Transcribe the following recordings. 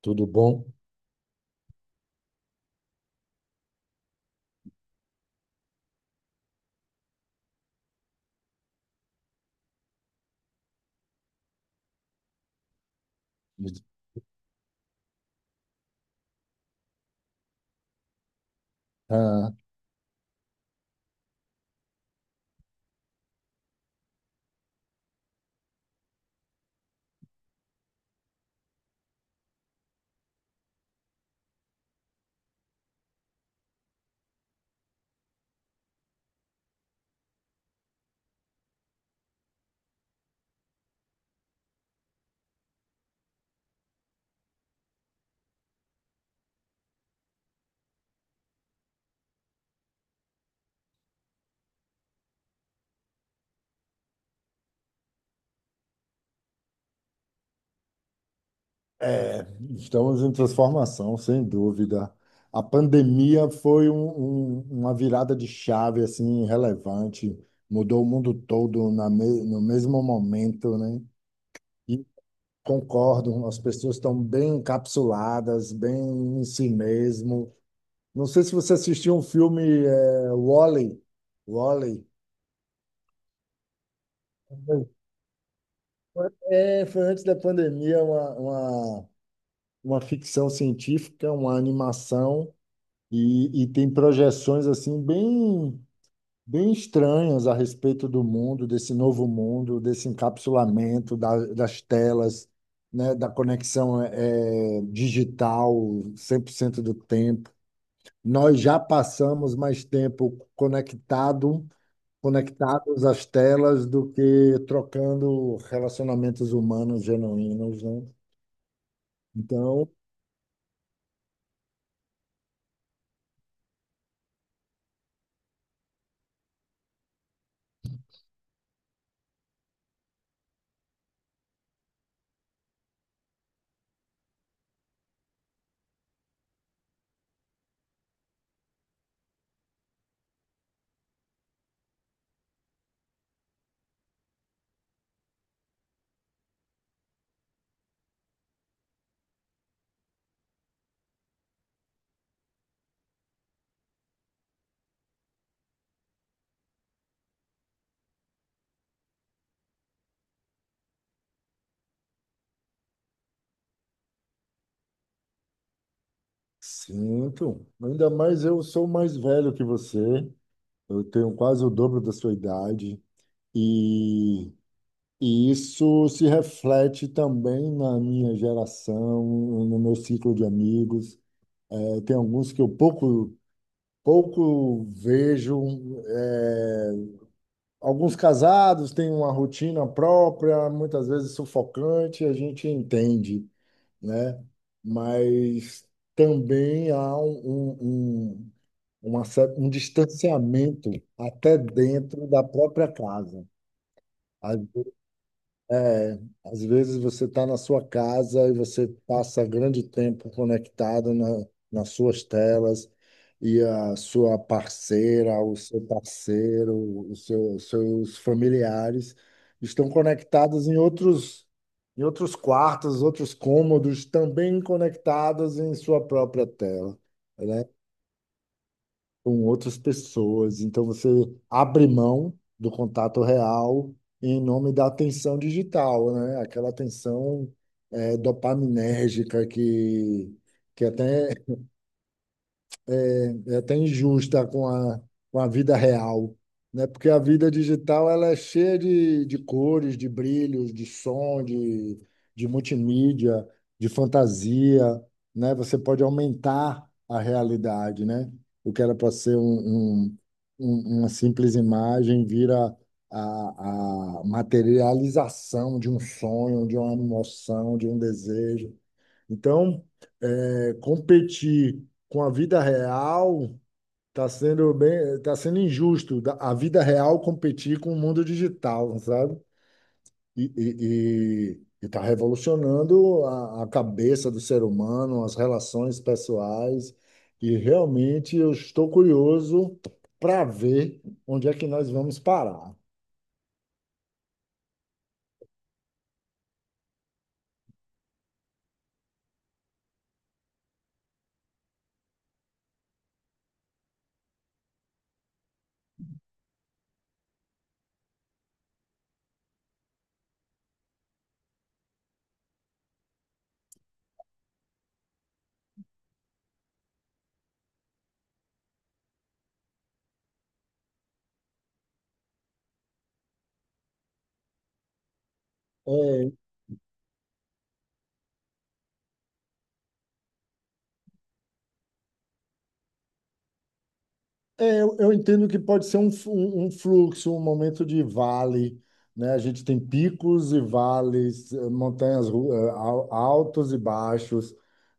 Tudo bom? Ah, é, estamos em transformação, sem dúvida. A pandemia foi uma virada de chave assim relevante, mudou o mundo todo no mesmo momento, né? E concordo, as pessoas estão bem encapsuladas, bem em si mesmo. Não sei se você assistiu um filme, Wall-E. Wall-E. É, foi antes da pandemia, uma ficção científica, uma animação. E tem projeções assim bem bem estranhas a respeito do mundo, desse novo mundo, desse encapsulamento das telas, né, da conexão digital 100% do tempo. Nós já passamos mais tempo conectados às telas do que trocando relacionamentos humanos genuínos, né? Então, sinto. Ainda mais eu sou mais velho que você. Eu tenho quase o dobro da sua idade e, e isso se reflete também na minha geração, no meu ciclo de amigos. Tem alguns que eu pouco vejo, eh, alguns casados têm uma rotina própria, muitas vezes sufocante, a gente entende, né? Mas também há um, um um distanciamento até dentro da própria casa. Às às vezes você está na sua casa e você passa grande tempo conectado nas suas telas e a sua parceira, o seu parceiro, seus familiares estão conectados em outros quartos, outros cômodos, também conectados em sua própria tela, né? Com outras pessoas. Então, você abre mão do contato real em nome da atenção digital, né? Aquela atenção dopaminérgica que até é até injusta com a vida real, né? Porque a vida digital ela é cheia de cores, de brilhos, de som, de multimídia, de fantasia, né? Você pode aumentar a realidade, né? O que era para ser um- uma simples imagem vira a materialização de um sonho, de uma emoção, de um desejo. Então, competir com a vida real. Tá sendo bem, tá sendo injusto a vida real competir com o mundo digital, sabe? E, e, e tá revolucionando a cabeça do ser humano, as relações pessoais. E realmente eu estou curioso para ver onde é que nós vamos parar. É, é, eu entendo que pode ser um fluxo, um momento de vale, né? A gente tem picos e vales, eh, montanhas ru- eh, al- altos e baixos.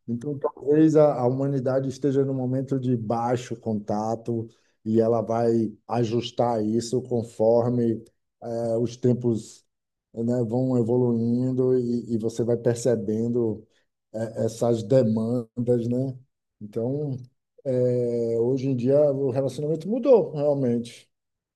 Então, talvez a humanidade esteja num momento de baixo contato e ela vai ajustar isso conforme os tempos, né, vão evoluindo e você vai percebendo essas demandas, né? Então, hoje em dia o relacionamento mudou, realmente.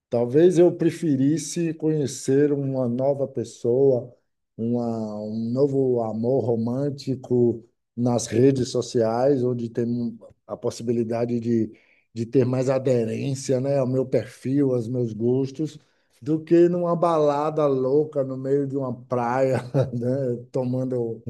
Talvez eu preferisse conhecer uma nova pessoa, um novo amor romântico nas redes sociais, onde tem a possibilidade de ter mais aderência, né, ao meu perfil, aos meus gostos, do que numa balada louca no meio de uma praia, né,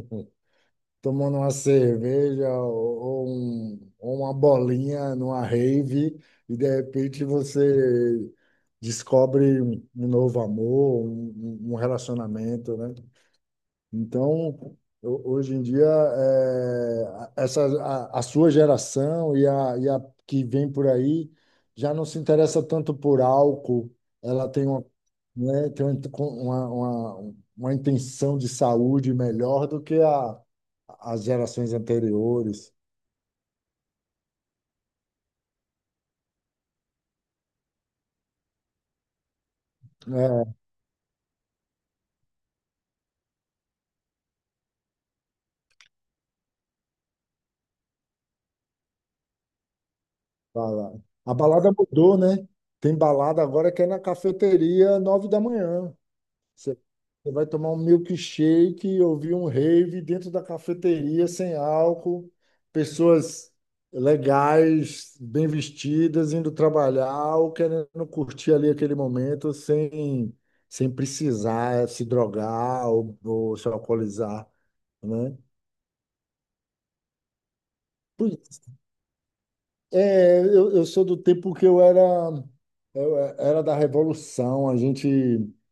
tomando uma cerveja ou uma bolinha numa rave, e de repente você descobre um novo amor, um relacionamento, né? Então, hoje em dia, a sua geração e a que vem por aí já não se interessa tanto por álcool, ela tem né, tem uma intenção de saúde melhor do que as gerações anteriores. É, bala- a balada mudou, né? Tem balada agora que é na cafeteria, 9 da manhã. Você Você vai tomar um milkshake e ouvir um rave dentro da cafeteria, sem álcool, pessoas legais, bem vestidas, indo trabalhar ou querendo curtir ali aquele momento sem, sem precisar se drogar ou se alcoolizar, né? É, eu sou do tempo que eu era, era da Revolução. A gente,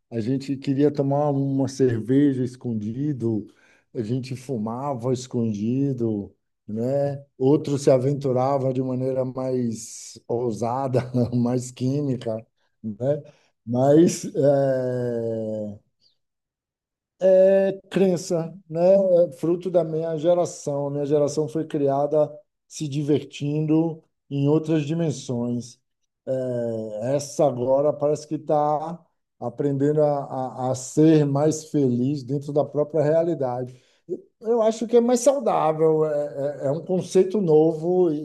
a gente queria tomar uma cerveja escondido, a gente fumava escondido, né? Outros se aventuravam de maneira mais ousada, mais química, né? Mas é crença, né? É fruto da minha geração. A minha geração foi criada se divertindo em outras dimensões. É, essa agora parece que está aprendendo a ser mais feliz dentro da própria realidade. Eu acho que é mais saudável, é um conceito novo e,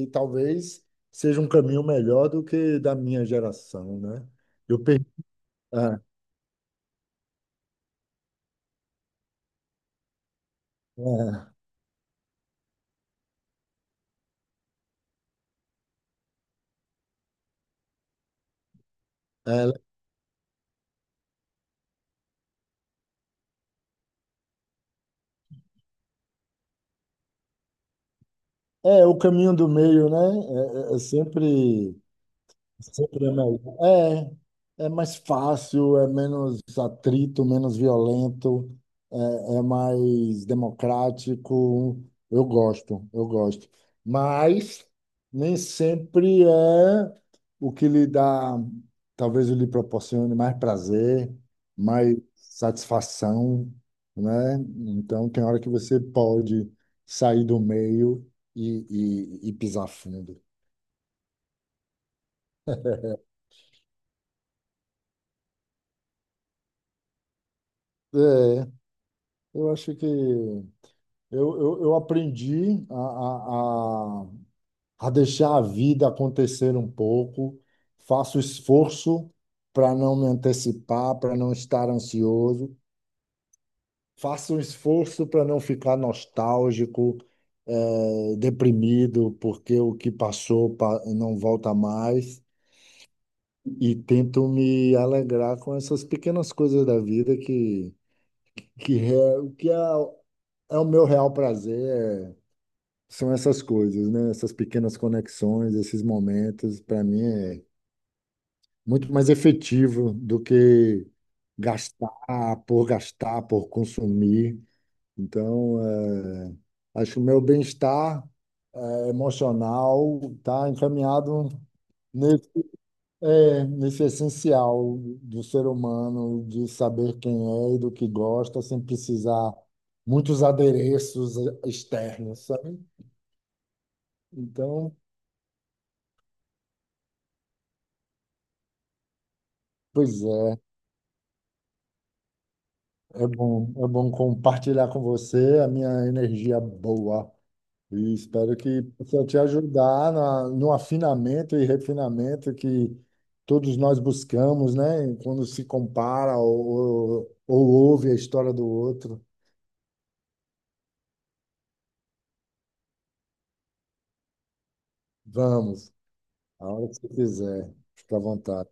e- e talvez seja um caminho melhor do que da minha geração, né? Eu perdi. É, é, é, é, o caminho do meio, né? É, é sempre. Sempre é melhor. É, é mais fácil, é menos atrito, menos violento, é, é mais democrático. Eu gosto, eu gosto. Mas nem sempre é o que lhe dá, talvez lhe proporcione mais prazer, mais satisfação, né? Então tem hora que você pode sair do meio e pisar fundo. É, eu acho que eu aprendi a deixar a vida acontecer um pouco, faço esforço para não me antecipar, para não estar ansioso, faço um esforço para não ficar nostálgico, deprimido, porque o que passou não volta mais, e tento me alegrar com essas pequenas coisas da vida que é, é o meu real prazer, é São essas coisas, né? Essas pequenas conexões, esses momentos, para mim é muito mais efetivo do que gastar por gastar, por consumir. Então, acho que o meu bem-estar emocional está encaminhado nesse, nesse essencial do ser humano, de saber quem é e do que gosta, sem precisar muitos adereços externos, sabe? Então, pois é. É bom compartilhar com você a minha energia boa. E espero que possa te ajudar no afinamento e refinamento que todos nós buscamos, né? Quando se compara ou ouve a história do outro. Vamos, a hora que você quiser, fica à vontade.